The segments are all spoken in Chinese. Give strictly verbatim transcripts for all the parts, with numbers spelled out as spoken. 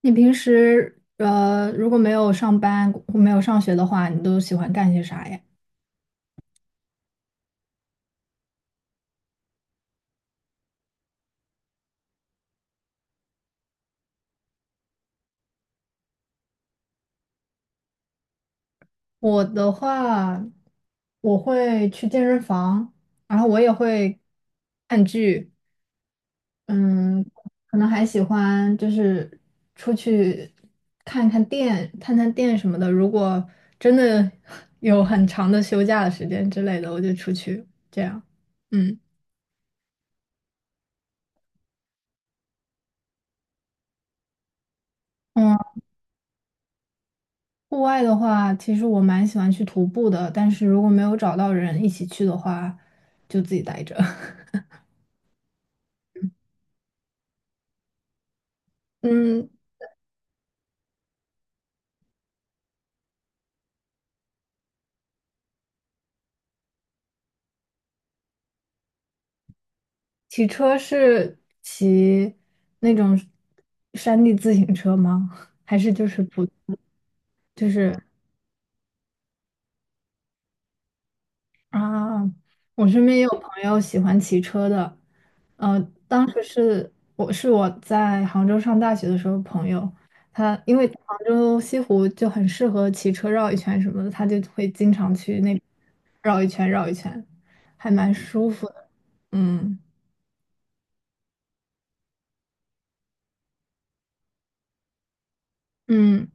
你平时呃，如果没有上班或没有上学的话，你都喜欢干些啥呀？我的话，我会去健身房，然后我也会看剧，嗯，可能还喜欢就是出去看看店、探探店什么的。如果真的 有很长的休假的时间之类的，我就出去这样。嗯。户外的话，其实我蛮喜欢去徒步的，但是如果没有找到人一起去的话，就自己待着。嗯，骑车是骑那种山地自行车吗？还是就是普，就是？啊，我身边也有朋友喜欢骑车的，呃，当时是我是我在杭州上大学的时候，朋友他因为杭州西湖就很适合骑车绕一圈什么的，他就会经常去那边绕一圈绕一圈，还蛮舒服的。嗯嗯，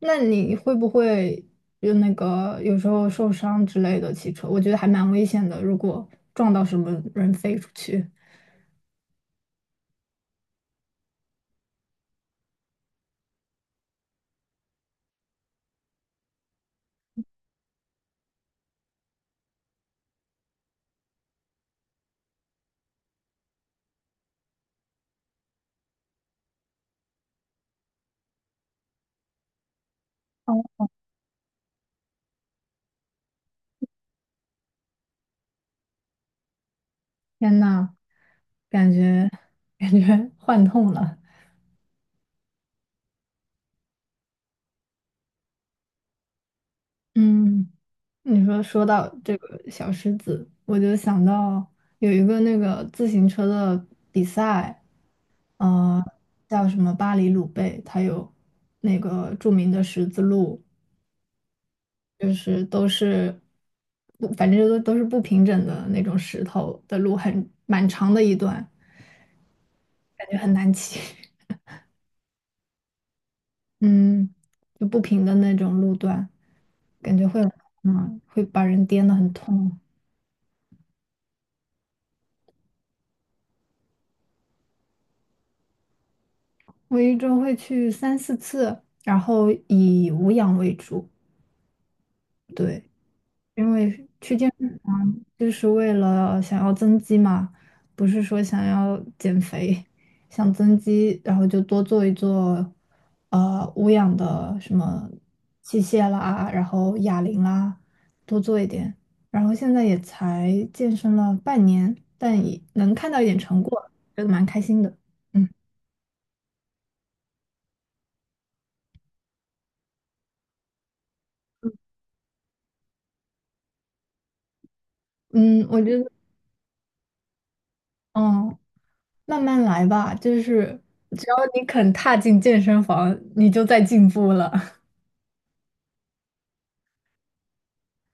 那你会不会就那个有时候受伤之类的骑车？我觉得还蛮危险的，如果撞到什么人飞出去。天呐，感觉感觉 幻痛了。嗯，你说说到这个小狮子，我就想到有一个那个自行车的比赛，呃，叫什么巴黎鲁贝，它有那个著名的十字路，就是都是不，反正都都是不平整的那种石头的路，很蛮长的一段，感觉很难骑，嗯，就不平的那种路段。感觉会，嗯，会把人颠得很痛。我一周会去三四次，然后以无氧为主，对，因为去健就是为了想要增肌嘛，不是说想要减肥，想增肌，然后就多做一做，呃，无氧的什么器械啦，然后哑铃啦，多做一点。然后现在也才健身了半年，但也能看到一点成果，觉得蛮开心的。嗯。嗯，我觉得，嗯，慢慢来吧，就是只要你肯踏进健身房，你就在进步了。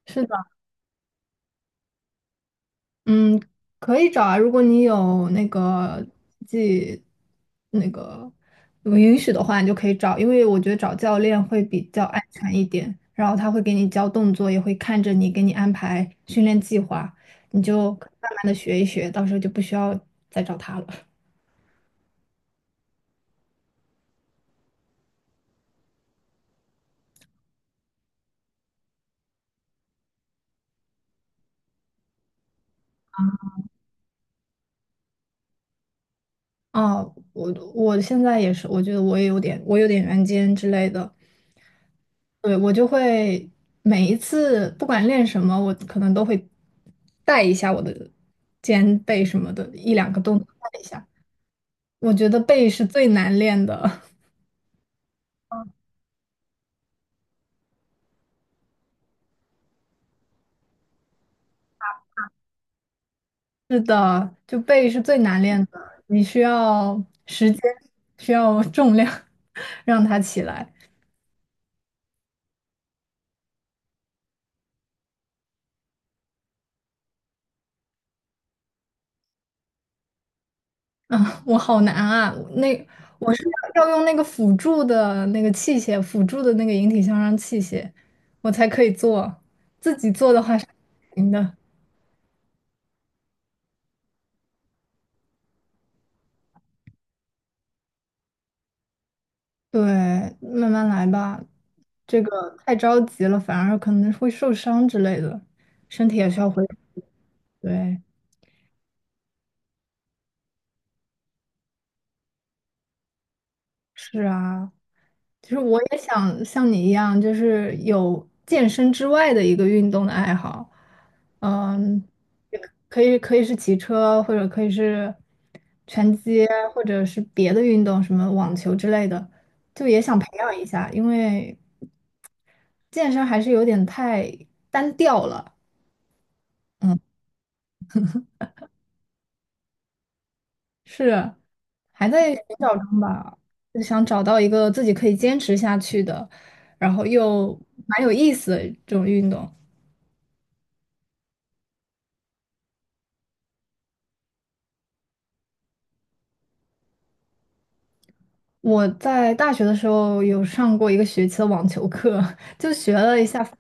是的，嗯，可以找啊，如果你有那个自己那个允许的话，你就可以找，因为我觉得找教练会比较安全一点，然后他会给你教动作，也会看着你，给你安排训练计划，你就慢慢的学一学，到时候就不需要再找他了。啊，我我现在也是，我觉得我也有点，我有点圆肩之类的。对，我就会每一次不管练什么，我可能都会带一下我的肩背什么的，一两个动作带一下。我觉得背是最难练的，是的，就背是最难练的，你需要时间，需要重量 让它起来。啊，我好难啊！那我是要要用那个辅助的那个器械，辅助的那个引体向上器械，我才可以做。自己做的话是不行的。对，慢慢来吧，这个太着急了，反而可能会受伤之类的，身体也需要恢复。对，是啊，其实我也想像你一样，就是有健身之外的一个运动的爱好，嗯，也可可以可以是骑车，或者可以是拳击，或者是别的运动，什么网球之类的，就也想培养一下，因为健身还是有点太单调了，是还在寻找中吧，就想找到一个自己可以坚持下去的，然后又蛮有意思的这种运动。我在大学的时候有上过一个学期的网球课，就学了一下发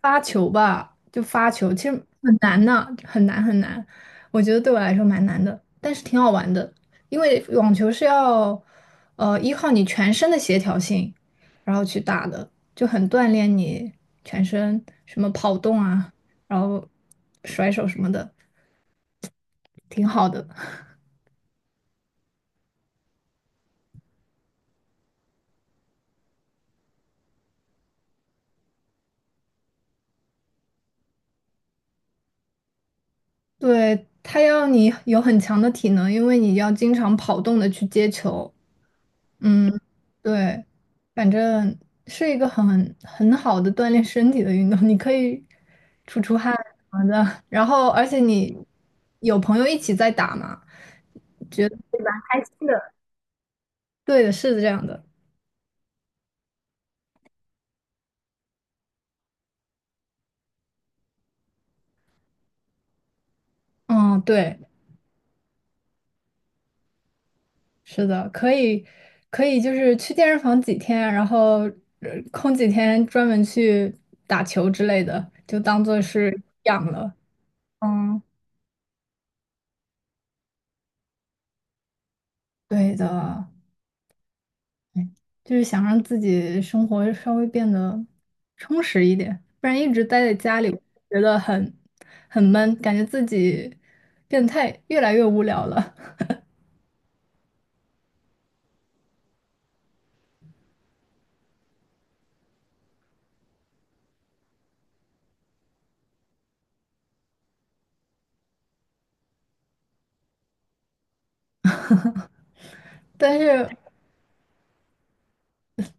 发球吧，就发球，其实很难呢，很难很难。我觉得对我来说蛮难的，但是挺好玩的，因为网球是要呃依靠你全身的协调性，然后去打的，就很锻炼你全身什么跑动啊，然后甩手什么的，挺好的。对，他要你有很强的体能，因为你要经常跑动的去接球。嗯，对，反正是一个很很好的锻炼身体的运动，你可以出出汗什么的。然后，而且你有朋友一起在打嘛？对的，是这样的。嗯，对，是的，可以可以，就是去健身房几天，然后呃空几天专门去打球之类的，就当做是养了。嗯，对的。就是想让自己生活稍微变得充实一点，不然一直待在家里，觉得很很闷，感觉自己变态，越来越无聊了。但是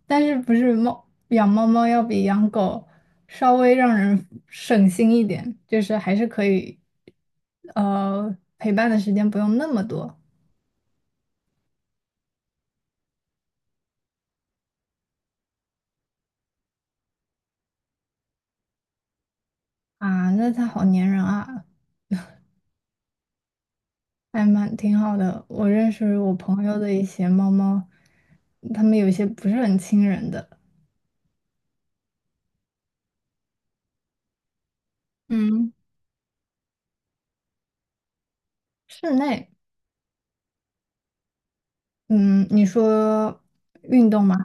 但是不是猫养猫猫要比养狗稍微让人省心一点，就是还是可以，呃，陪伴的时间不用那么多啊。那它好粘人啊。还蛮挺好的。我认识我朋友的一些猫猫，它们有一些不是很亲人的。嗯，室内，嗯，你说运动吗？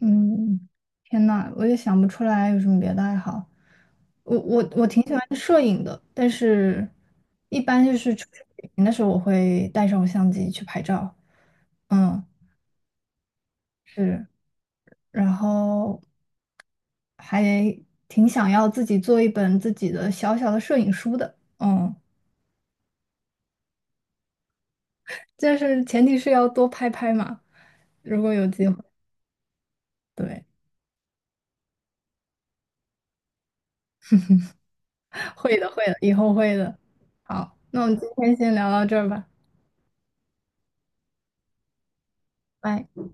嗯，天呐，我也想不出来有什么别的爱好。我我我挺喜欢摄影的，但是一般就是出去旅行的时候，我会带上我相机去拍照。嗯，是。然后还挺想要自己做一本自己的小小的摄影书的，嗯，但是前提是要多拍拍嘛，如果有机会，对，会的，会的，以后会的。好，那我们今天先聊到这儿吧，拜。